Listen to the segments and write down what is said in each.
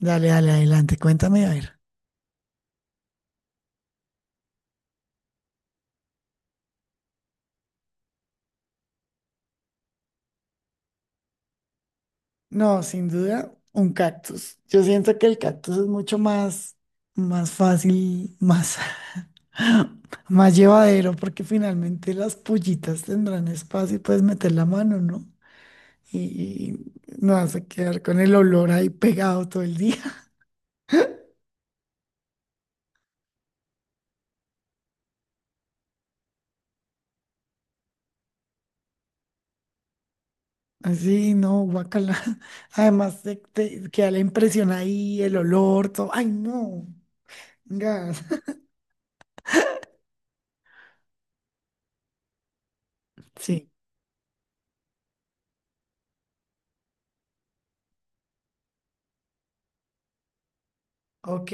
Dale, dale, adelante, cuéntame, a ver. No, sin duda, un cactus. Yo siento que el cactus es mucho más fácil, más llevadero, porque finalmente las pollitas tendrán espacio y puedes meter la mano, ¿no? Y, y no vas a quedar con el olor ahí pegado todo el día. Así, no, guacala. Además, te queda la impresión ahí, el olor, todo. Ay, no. Gas. Sí, ok,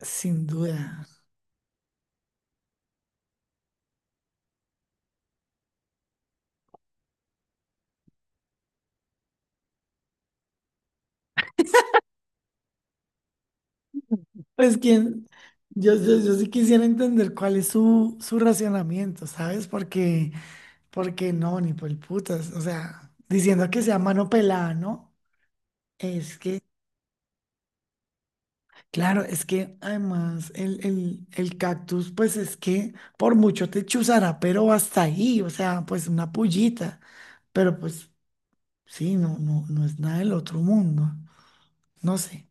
sin duda. Pues quien, yo sí quisiera entender cuál es su racionamiento, ¿sabes? Porque, porque no, ni por el putas, o sea, diciendo que sea mano pelada, ¿no? Es que, claro, es que además el cactus, pues es que por mucho te chuzará, pero hasta ahí, o sea, pues una pullita, pero pues sí, no, no, no es nada del otro mundo, no sé.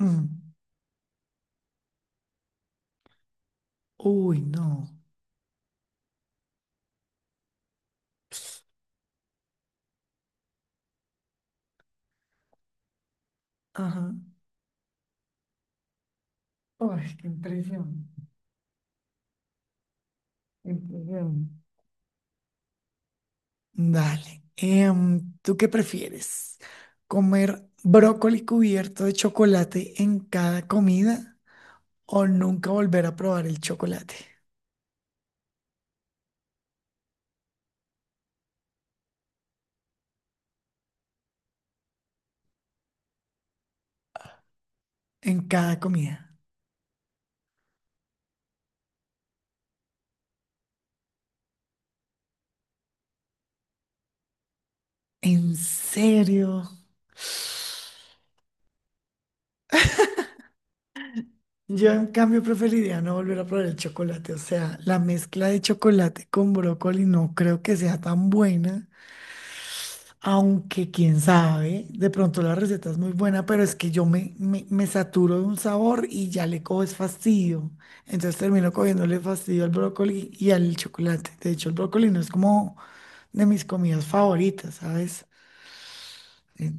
Mm. Uy, no. Ajá. Uy, qué impresión. Qué impresión. Dale. ¿Tú qué prefieres? ¿Comer brócoli cubierto de chocolate en cada comida o nunca volver a probar el chocolate en cada comida? ¿En serio? Yo en cambio preferiría no volver a probar el chocolate. O sea, la mezcla de chocolate con brócoli no creo que sea tan buena. Aunque quién sabe, de pronto la receta es muy buena, pero es que yo me saturo de un sabor y ya le coges fastidio. Entonces termino cogiéndole fastidio al brócoli y al chocolate. De hecho, el brócoli no es como de mis comidas favoritas, ¿sabes? Eh,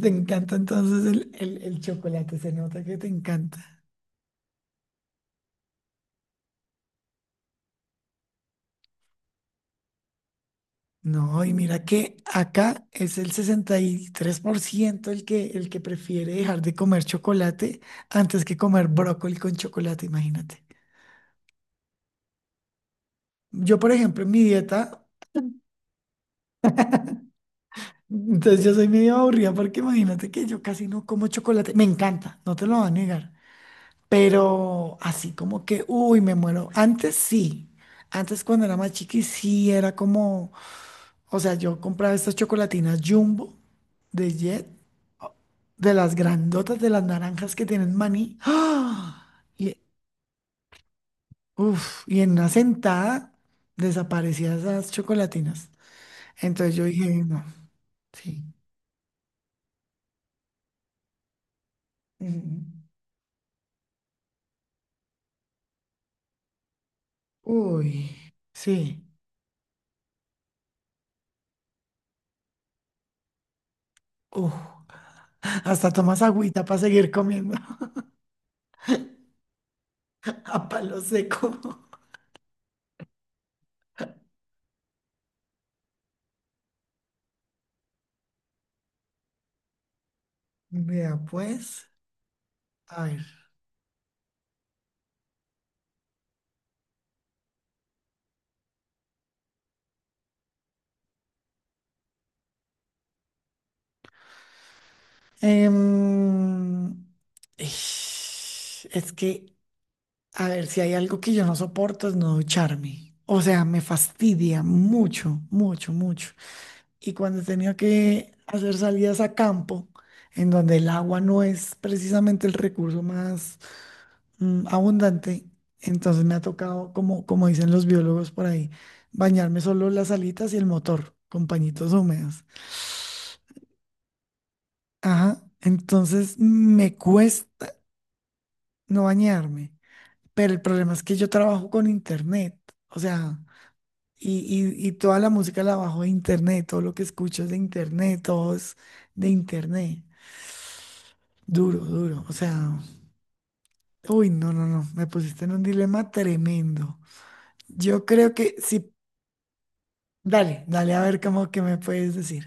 Te encanta entonces el chocolate, se nota que te encanta. No, y mira que acá es el 63% el que prefiere dejar de comer chocolate antes que comer brócoli con chocolate, imagínate. Yo, por ejemplo, en mi dieta, entonces yo soy medio aburrida porque imagínate que yo casi no como chocolate. Me encanta, no te lo voy a negar. Pero así como que, uy, me muero. Antes sí. Antes cuando era más chiqui, sí era como, o sea, yo compraba estas chocolatinas Jumbo de Jet, o- de las grandotas, de las naranjas que tienen maní. ¡Ah! Y, uf, y en una sentada desaparecían esas chocolatinas. Entonces yo dije, no, sí. Mm, uy, sí. Uf, hasta tomas agüita para seguir comiendo a palo seco. Vea, pues, a ver. Em, es que, a ver, si hay algo que yo no soporto es no ducharme. O sea, me fastidia mucho, mucho, mucho. Y cuando he tenido que hacer salidas a campo, en donde el agua no es precisamente el recurso más abundante, entonces me ha tocado, como, como dicen los biólogos por ahí, bañarme solo las alitas y el motor con pañitos húmedos. Ajá, entonces me cuesta no bañarme, pero el problema es que yo trabajo con internet, o sea, y, y toda la música la bajo de internet, todo lo que escucho es de internet, todo es de internet. Duro, duro, o sea, uy, no, no, no, me pusiste en un dilema tremendo. Yo creo que si Dale, dale, a ver cómo que me puedes decir.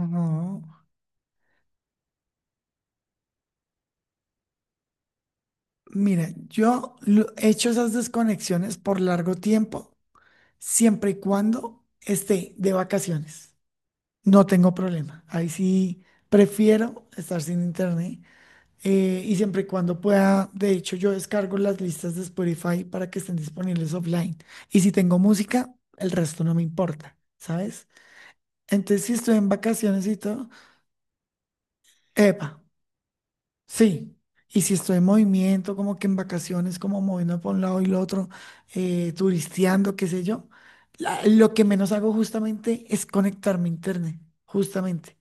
Ujú. Mira, yo he hecho esas desconexiones por largo tiempo, siempre y cuando esté de vacaciones. No tengo problema. Ahí sí prefiero estar sin internet. Y siempre y cuando pueda, de hecho, yo descargo las listas de Spotify para que estén disponibles offline. Y si tengo música, el resto no me importa, ¿sabes? Entonces, si estoy en vacaciones y todo, epa, sí, y si estoy en movimiento, como que en vacaciones, como moviendo por un lado y el otro, turisteando, qué sé yo, lo que menos hago justamente es conectarme a internet, justamente.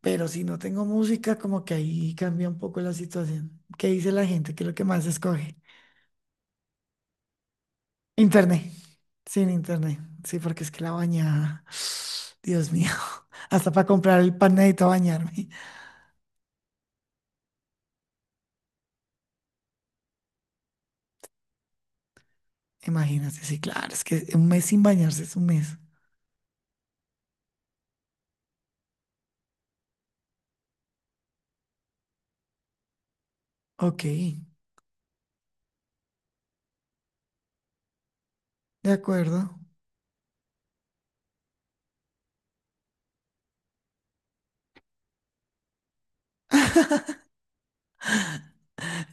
Pero si no tengo música, como que ahí cambia un poco la situación. ¿Qué dice la gente? ¿Qué es lo que más escoge? Internet, sin internet, sí, porque es que la bañada, Dios mío, hasta para comprar el pan necesito bañarme. Imagínate, sí, claro, es que un mes sin bañarse es un mes. Ok. De acuerdo.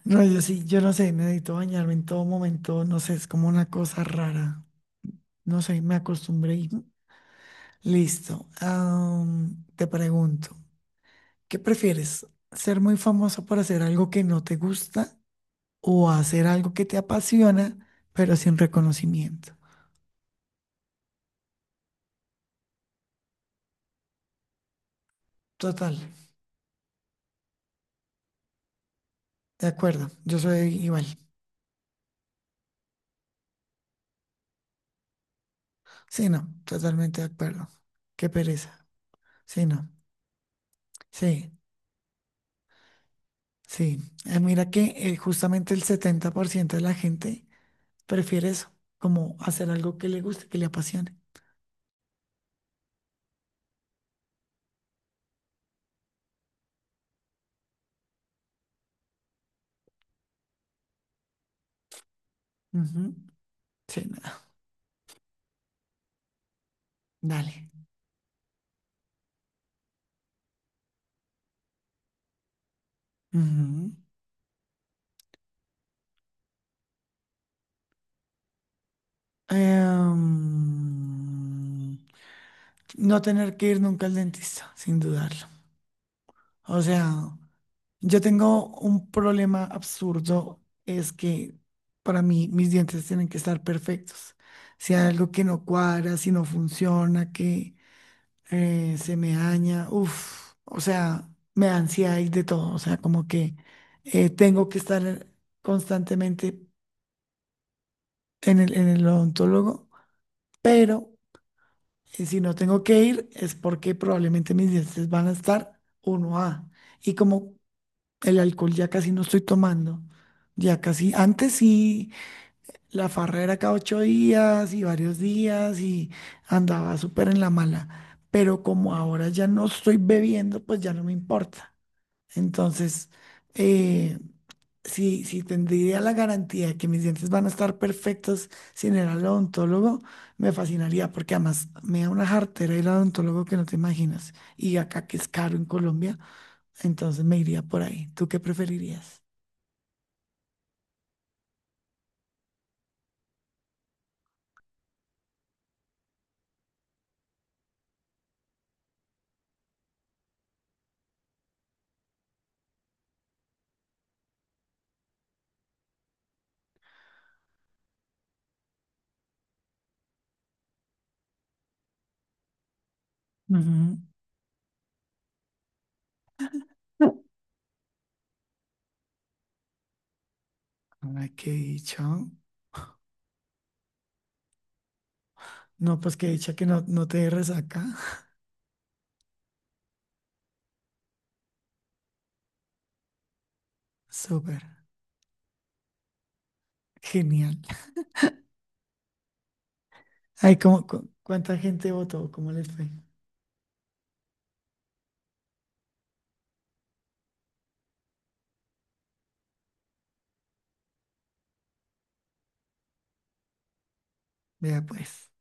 No, yo sí, yo no sé, me necesito bañarme en todo momento, no sé, es como una cosa rara. No sé, me acostumbré y listo. Te pregunto, ¿qué prefieres? ¿Ser muy famoso por hacer algo que no te gusta o hacer algo que te apasiona, pero sin reconocimiento? Total, de acuerdo, yo soy igual. Sí, no, totalmente de acuerdo. Qué pereza. Sí, no, sí, sí. Mira que justamente el 70% de la gente prefiere eso, como hacer algo que le guste, que le apasione. Ujú, sí, nada. Dale. Ujú. Em, no tener que ir nunca al dentista, sin dudarlo. O sea, yo tengo un problema absurdo, es que para mí mis dientes tienen que estar perfectos. Si hay algo que no cuadra, si no funciona, que se me daña, uff, o sea, me da ansiedad y de todo, o sea, como que tengo que estar constantemente en el odontólogo, pero si no tengo que ir es porque probablemente mis dientes van a estar uno a y como el alcohol ya casi no estoy tomando, ya casi, antes sí, la farra era cada 8 días y varios días y andaba súper en la mala. Pero como ahora ya no estoy bebiendo, pues ya no me importa. Entonces, eh, si tendría la garantía de que mis dientes van a estar perfectos sin el odontólogo, me fascinaría, porque además me da una jartera el odontólogo que no te imaginas. Y acá que es caro en Colombia, entonces me iría por ahí. ¿Tú qué preferirías? Ujú. Ay, qué dicho. No, pues qué dicha que no, no te dé resaca. Súper. Genial. Ay, ¿cómo, cu- cuánta gente votó? ¿Cómo les fue? Vea pues.